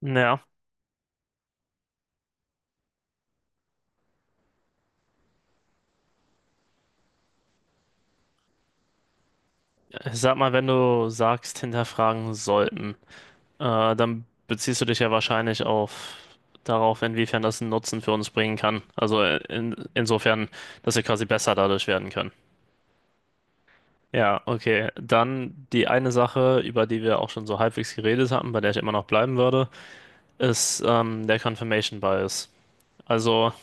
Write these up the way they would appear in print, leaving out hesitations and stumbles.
Ja, ich sag mal, wenn du sagst, hinterfragen sollten, dann beziehst du dich ja wahrscheinlich auf darauf, inwiefern das einen Nutzen für uns bringen kann. Also insofern, dass wir quasi besser dadurch werden können. Ja, okay. Dann die eine Sache, über die wir auch schon so halbwegs geredet hatten, bei der ich immer noch bleiben würde, ist der Confirmation Bias. Also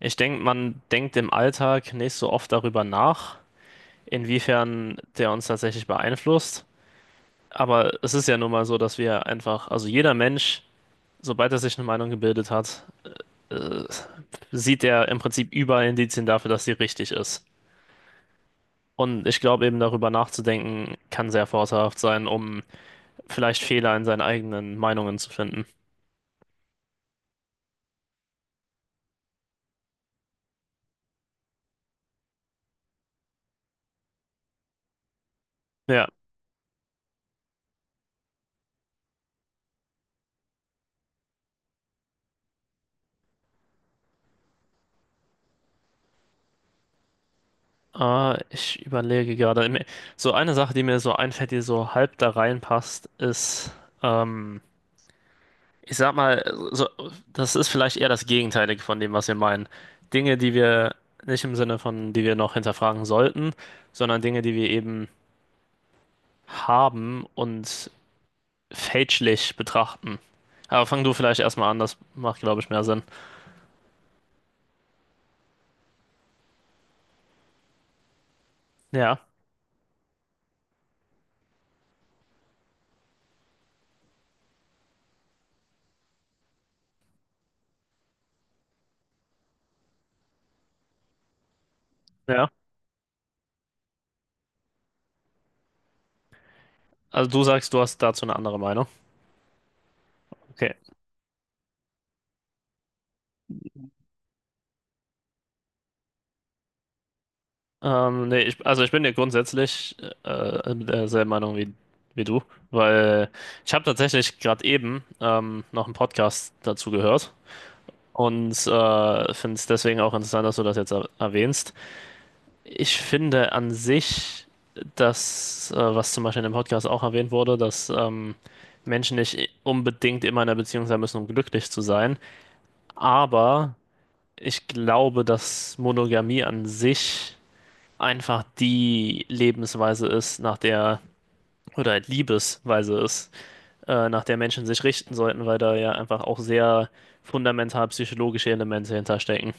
ich denke, man denkt im Alltag nicht so oft darüber nach, inwiefern der uns tatsächlich beeinflusst. Aber es ist ja nun mal so, dass wir einfach, also jeder Mensch, sobald er sich eine Meinung gebildet hat, äh, sieht er im Prinzip überall Indizien dafür, dass sie richtig ist. Und ich glaube, eben darüber nachzudenken, kann sehr vorteilhaft sein, um vielleicht Fehler in seinen eigenen Meinungen zu finden. Ja, ich überlege gerade. So eine Sache, die mir so einfällt, die so halb da reinpasst, ist ähm, ich sag mal, so, das ist vielleicht eher das Gegenteilige von dem, was wir meinen. Dinge, die wir nicht im Sinne von, die wir noch hinterfragen sollten, sondern Dinge, die wir eben haben und fälschlich betrachten. Aber fang du vielleicht erstmal an, das macht, glaube ich, mehr Sinn. Ja, ja. Also du sagst, du hast dazu eine andere Meinung. Okay. Nee, ich, also ich bin ja grundsätzlich derselben Meinung wie, wie du, weil ich habe tatsächlich gerade eben noch einen Podcast dazu gehört. Und finde es deswegen auch interessant, dass du das jetzt er erwähnst. Ich finde an sich, dass, was zum Beispiel in dem Podcast auch erwähnt wurde, dass Menschen nicht unbedingt immer in einer Beziehung sein müssen, um glücklich zu sein. Aber ich glaube, dass Monogamie an sich einfach die Lebensweise ist, nach der, oder halt Liebesweise ist, nach der Menschen sich richten sollten, weil da ja einfach auch sehr fundamental psychologische Elemente hinterstecken.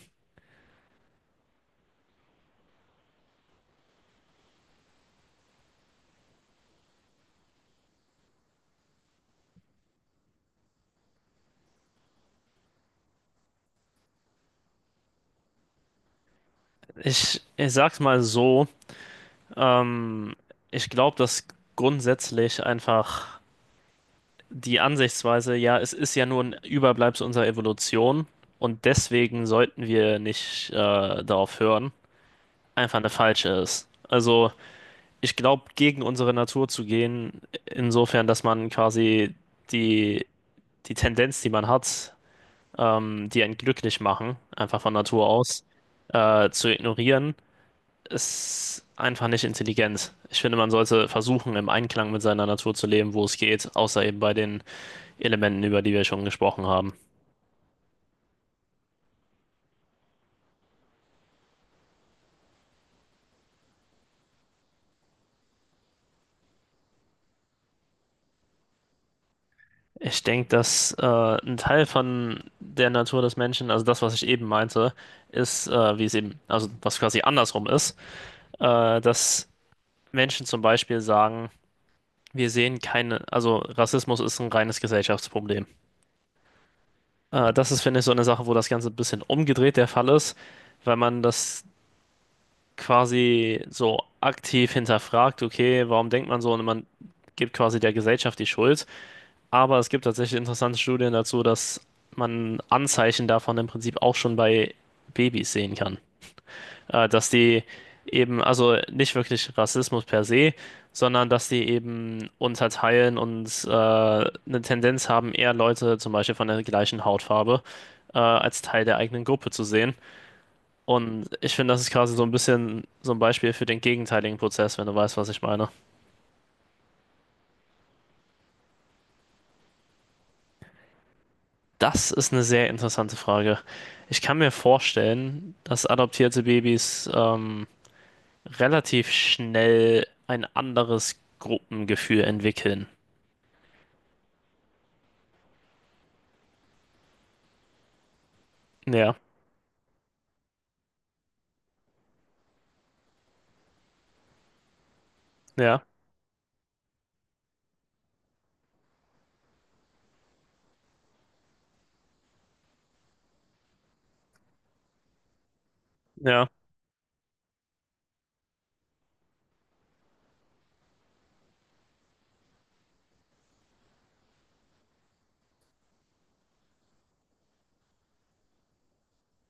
Ich sag's mal so, ähm, ich glaube, dass grundsätzlich einfach die Ansichtsweise, ja, es ist ja nur ein Überbleibsel unserer Evolution und deswegen sollten wir nicht darauf hören, einfach eine falsche ist. Also ich glaube, gegen unsere Natur zu gehen, insofern, dass man quasi die, die Tendenz, die man hat, die einen glücklich machen, einfach von Natur aus, zu ignorieren ist einfach nicht intelligent. Ich finde, man sollte versuchen, im Einklang mit seiner Natur zu leben, wo es geht, außer eben bei den Elementen, über die wir schon gesprochen haben. Ich denke, dass ein Teil von der Natur des Menschen, also das, was ich eben meinte, ist, wie es eben, also was quasi andersrum ist, dass Menschen zum Beispiel sagen, wir sehen keine, also Rassismus ist ein reines Gesellschaftsproblem. Das ist, finde ich, so eine Sache, wo das Ganze ein bisschen umgedreht der Fall ist, weil man das quasi so aktiv hinterfragt, okay, warum denkt man so und man gibt quasi der Gesellschaft die Schuld. Aber es gibt tatsächlich interessante Studien dazu, dass man Anzeichen davon im Prinzip auch schon bei Babys sehen kann. Dass die eben, also nicht wirklich Rassismus per se, sondern dass die eben unterteilen und eine Tendenz haben, eher Leute zum Beispiel von der gleichen Hautfarbe als Teil der eigenen Gruppe zu sehen. Und ich finde, das ist quasi so ein bisschen so ein Beispiel für den gegenteiligen Prozess, wenn du weißt, was ich meine. Das ist eine sehr interessante Frage. Ich kann mir vorstellen, dass adoptierte Babys relativ schnell ein anderes Gruppengefühl entwickeln. Ja, ja, ja,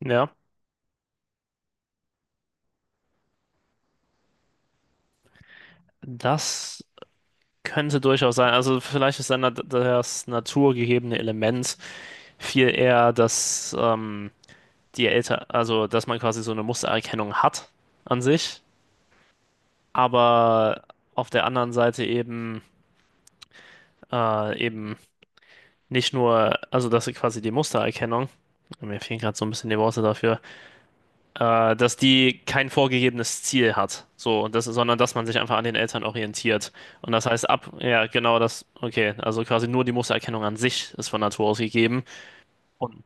ja. Das könnte durchaus sein. Also vielleicht ist dann das naturgegebene Element viel eher, dass die Eltern, also dass man quasi so eine Mustererkennung hat an sich, aber auf der anderen Seite eben, eben nicht nur, also dass sie quasi die Mustererkennung, mir fehlen gerade so ein bisschen die Worte dafür, dass die kein vorgegebenes Ziel hat, so, und das, sondern dass man sich einfach an den Eltern orientiert. Und das heißt ab, ja, genau das, okay, also quasi nur die Mustererkennung an sich ist von Natur aus gegeben und,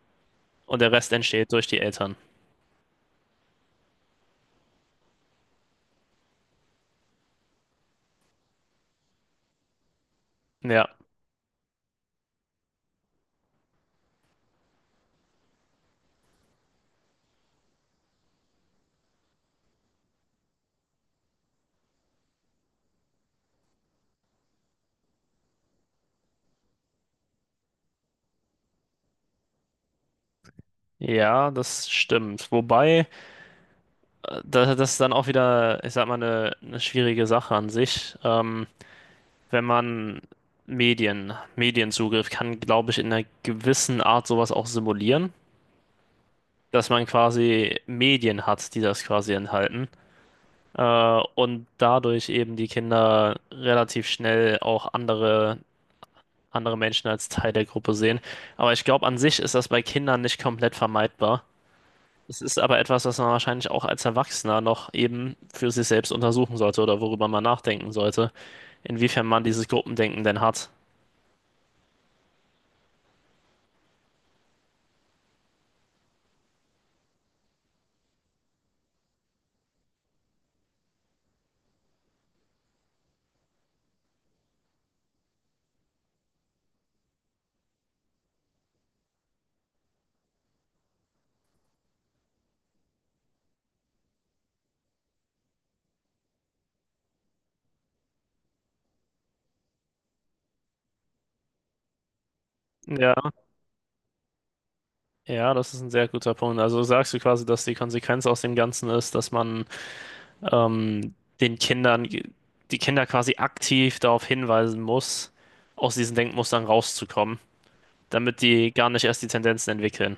und der Rest entsteht durch die Eltern. Ja. Ja, das stimmt. Wobei, das ist dann auch wieder, ich sag mal, eine schwierige Sache an sich. Wenn man Medienzugriff kann, glaube ich, in einer gewissen Art sowas auch simulieren, dass man quasi Medien hat, die das quasi enthalten. Und dadurch eben die Kinder relativ schnell auch andere Menschen als Teil der Gruppe sehen. Aber ich glaube, an sich ist das bei Kindern nicht komplett vermeidbar. Es ist aber etwas, was man wahrscheinlich auch als Erwachsener noch eben für sich selbst untersuchen sollte oder worüber man nachdenken sollte, inwiefern man dieses Gruppendenken denn hat. Ja. Ja, das ist ein sehr guter Punkt. Also sagst du quasi, dass die Konsequenz aus dem Ganzen ist, dass man ähm, die Kinder quasi aktiv darauf hinweisen muss, aus diesen Denkmustern rauszukommen, damit die gar nicht erst die Tendenzen entwickeln.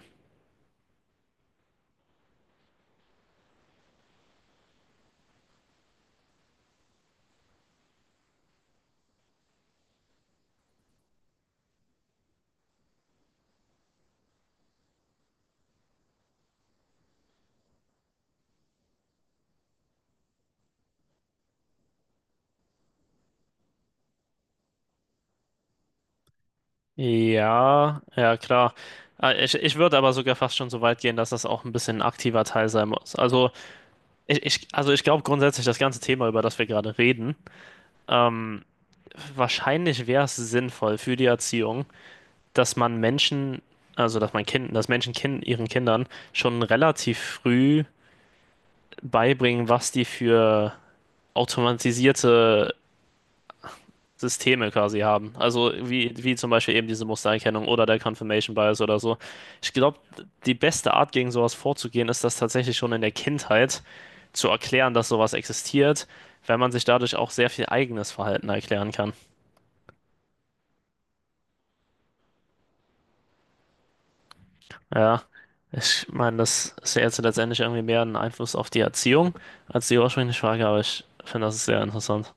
Ja, ja, klar. Ich, ich würde aber sogar fast schon so weit gehen, dass das auch ein bisschen ein aktiver Teil sein muss. Also also ich glaube grundsätzlich, das ganze Thema, über das wir gerade reden, ähm, wahrscheinlich wäre es sinnvoll für die Erziehung, dass man Menschen, also dass man Kind, dass Menschen kind, ihren Kindern schon relativ früh beibringen, was die für automatisierte Systeme quasi haben. Also wie zum Beispiel eben diese Mustererkennung oder der Confirmation Bias oder so. Ich glaube, die beste Art, gegen sowas vorzugehen, ist das tatsächlich schon in der Kindheit zu erklären, dass sowas existiert, weil man sich dadurch auch sehr viel eigenes Verhalten erklären kann. Ja, ich meine, das ist ja jetzt letztendlich irgendwie mehr ein Einfluss auf die Erziehung als die ursprüngliche Frage, aber ich finde, das ist sehr interessant.